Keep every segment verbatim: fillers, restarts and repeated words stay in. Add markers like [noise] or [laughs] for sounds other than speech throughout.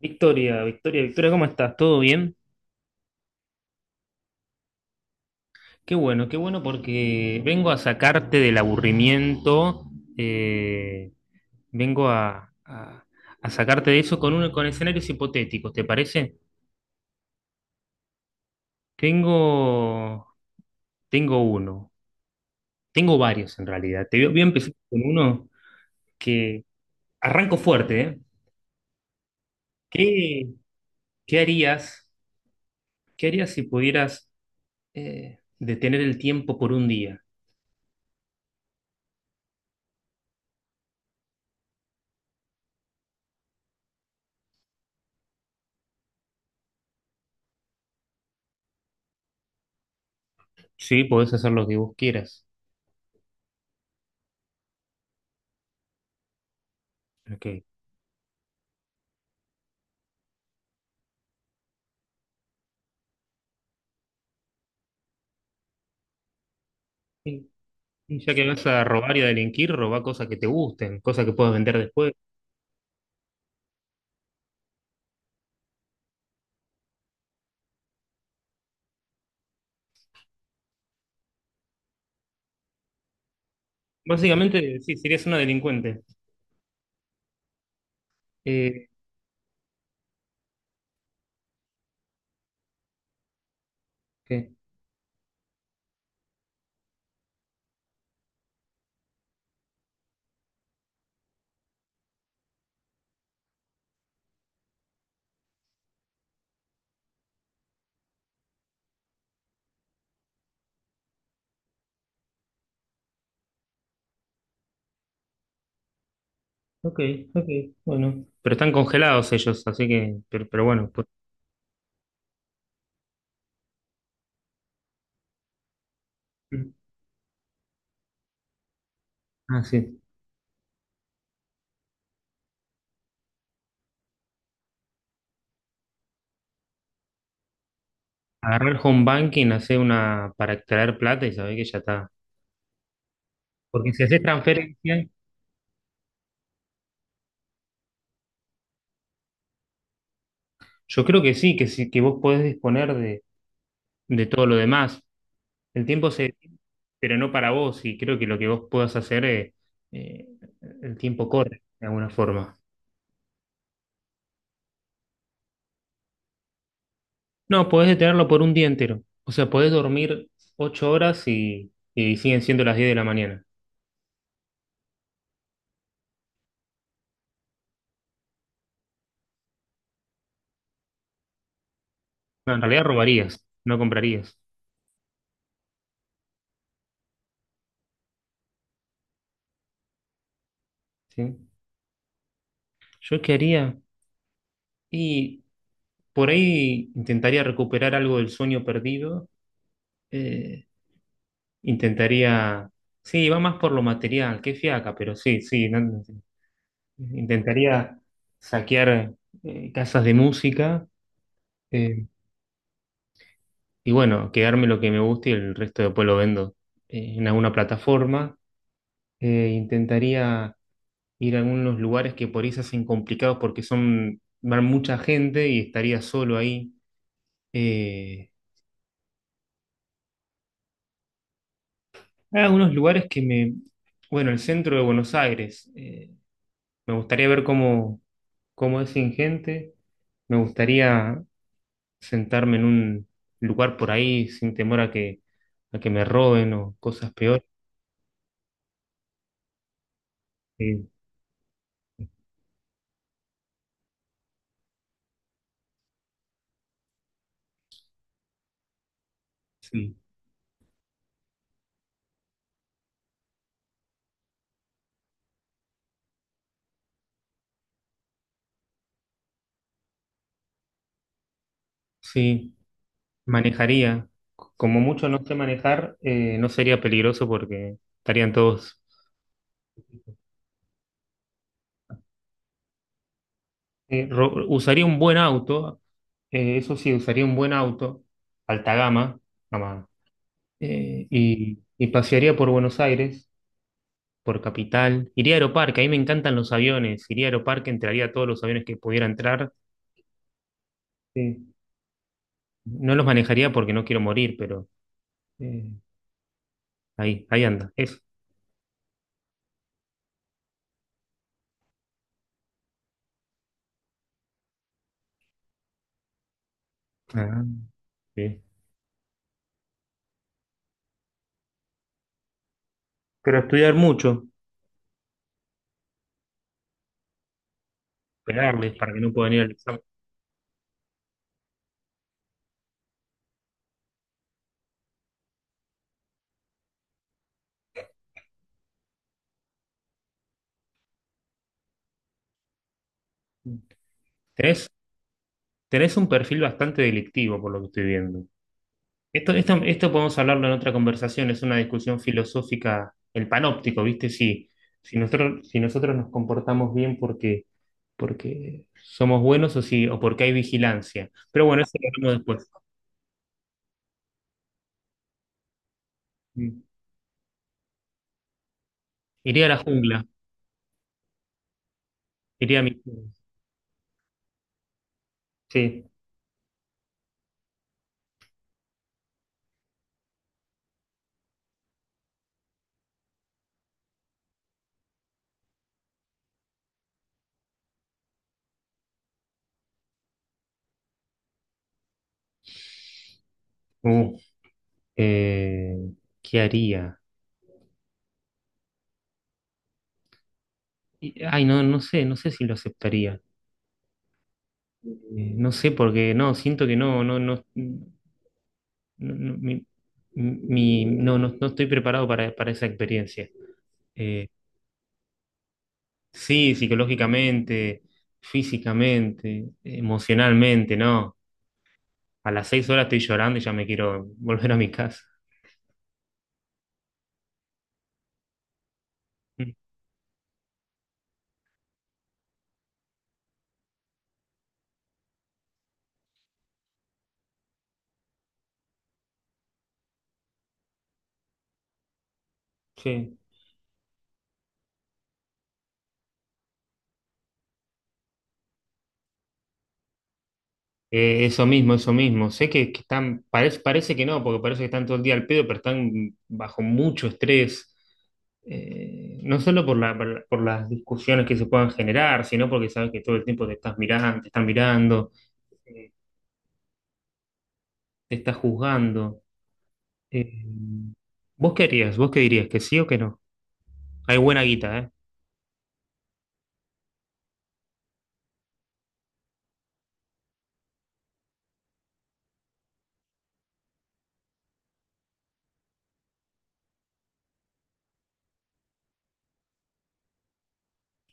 Victoria, Victoria, Victoria, ¿cómo estás? ¿Todo bien? Qué bueno, qué bueno porque vengo a sacarte del aburrimiento. eh, Vengo a, a- a sacarte de eso con, uno, con escenarios hipotéticos, ¿te parece? Tengo, tengo uno, tengo varios en realidad. Te voy voy a empezar con uno que arranco fuerte, ¿eh? ¿Qué, ¿qué harías, qué harías si pudieras eh, detener el tiempo por un día? Sí, podés hacer lo que vos quieras. Ok. Y ya que vas a robar y a delinquir, roba cosas que te gusten, cosas que puedas vender después. Básicamente, sí, serías una delincuente. Eh, ¿qué? Ok, ok, bueno. Pero están congelados ellos, así que, pero, pero bueno, pues. Ah, sí. Agarrar el home banking, hacer una para extraer plata y saber que ya está. Porque si haces transferencia, yo creo que sí, que sí, que vos podés disponer de, de todo lo demás. El tiempo se, pero no para vos, y creo que lo que vos puedas hacer, eh, eh, el tiempo corre de alguna forma. No, podés detenerlo por un día entero. O sea, podés dormir ocho horas y, y siguen siendo las diez de la mañana. No, en realidad robarías, no comprarías. ¿Sí? ¿Yo qué haría? Y por ahí intentaría recuperar algo del sueño perdido. eh, intentaría... Sí, va más por lo material, qué fiaca, pero sí, sí. No- no- sí, intentaría saquear eh, casas de música. eh, y bueno, quedarme lo que me guste y el resto después lo vendo eh, en alguna plataforma. Eh, intentaría ir a algunos lugares que por ahí se hacen complicados porque son, van mucha gente y estaría solo ahí. Eh, Hay algunos lugares que me... Bueno, el centro de Buenos Aires. Eh, me gustaría ver cómo, cómo es sin gente. Me gustaría sentarme en un lugar por ahí sin temor a que, a que me roben o cosas peores. Eh, sí, sí. Manejaría. Como mucho no sé manejar, eh, no sería peligroso porque estarían todos. Eh, ro- usaría un buen auto, eh, eso sí, usaría un buen auto, alta gama, gama, eh, y, y pasearía por Buenos Aires, por Capital. Iría a Aeroparque, ahí me encantan los aviones. Iría a Aeroparque, entraría a todos los aviones que pudiera entrar. Sí. No los manejaría porque no quiero morir, pero eh, ahí, ahí anda, eso. Ah, sí. Pero estudiar mucho, pegarles para que no puedan ir al examen. Tenés, tenés un perfil bastante delictivo por lo que estoy viendo. Esto, esto, esto podemos hablarlo en otra conversación, es una discusión filosófica, el panóptico, ¿viste? Si, si nosotros, si nosotros nos comportamos bien porque, porque somos buenos o, si, o porque hay vigilancia. Pero bueno, eso lo hablamos después. Mm. Iría a la jungla, iría a mi... Sí. Uh, eh, ¿qué haría? Y- Ay, no, no sé, no sé si lo aceptaría. Eh, No sé, porque no, siento que no, no, no. No, no, mi- mi- no, no- no estoy preparado para, para esa experiencia. Eh, sí, psicológicamente, físicamente, emocionalmente, ¿no? A las seis horas estoy llorando y ya me quiero volver a mi casa. Mm. Sí. Eh, eso mismo, eso mismo. Sé que, que están, parece, parece que no, porque parece que están todo el día al pedo, pero están bajo mucho estrés. Eh, no solo por la, por la- por las discusiones que se puedan generar, sino porque sabes que todo el tiempo te estás mirando, te están mirando. eh, Te está juzgando. Eh, ¿Vos qué harías? ¿Vos qué dirías? ¿Que sí o que no? Hay buena guita, ¿eh?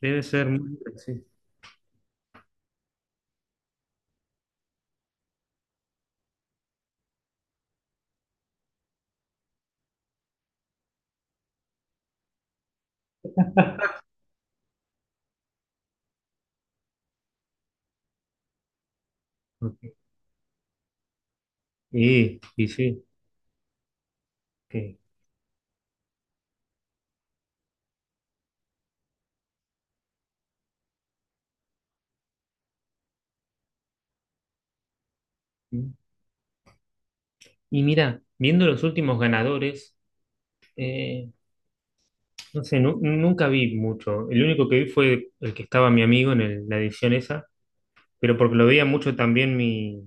Debe ser muy... Sí, ok. Y, y sí, ok. Y mira, viendo los últimos ganadores, eh, no sé, nu- nunca vi mucho. El único que vi fue el que estaba mi amigo en el- la edición esa, pero porque lo veía mucho también mi,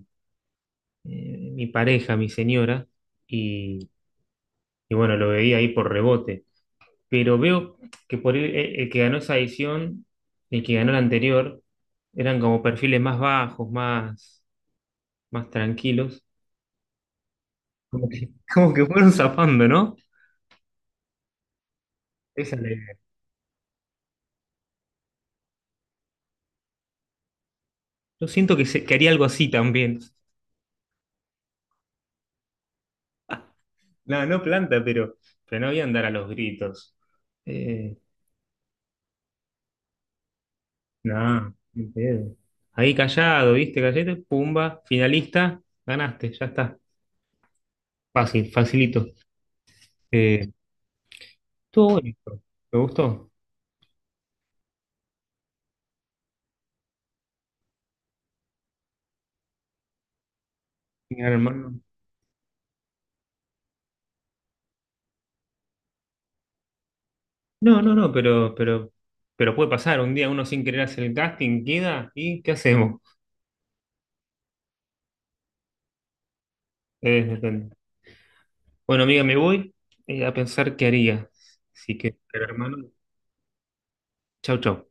eh, mi pareja, mi señora, y, y bueno, lo veía ahí por rebote. Pero veo que por el, eh, el que ganó esa edición y el que ganó la anterior eran como perfiles más bajos, más, más tranquilos, como que, [laughs] como que fueron zapando, ¿no? Esa es la idea. Yo siento que, se, que haría algo así también. No, no planta, pero, pero no voy a andar a los gritos. Eh, no, ni pedo. Ahí callado, ¿viste? Callate, pumba, finalista, ganaste, ya está. Fácil, facilito. Eh, estuvo bonito. ¿Te gustó? Gran hermano. No, no, no, pero, pero, pero puede pasar. Un día uno sin querer hacer el casting, queda y ¿qué hacemos? Eh, depende. Bueno, amiga, me voy eh, a pensar qué haría. Así que, hermano, chau, chau.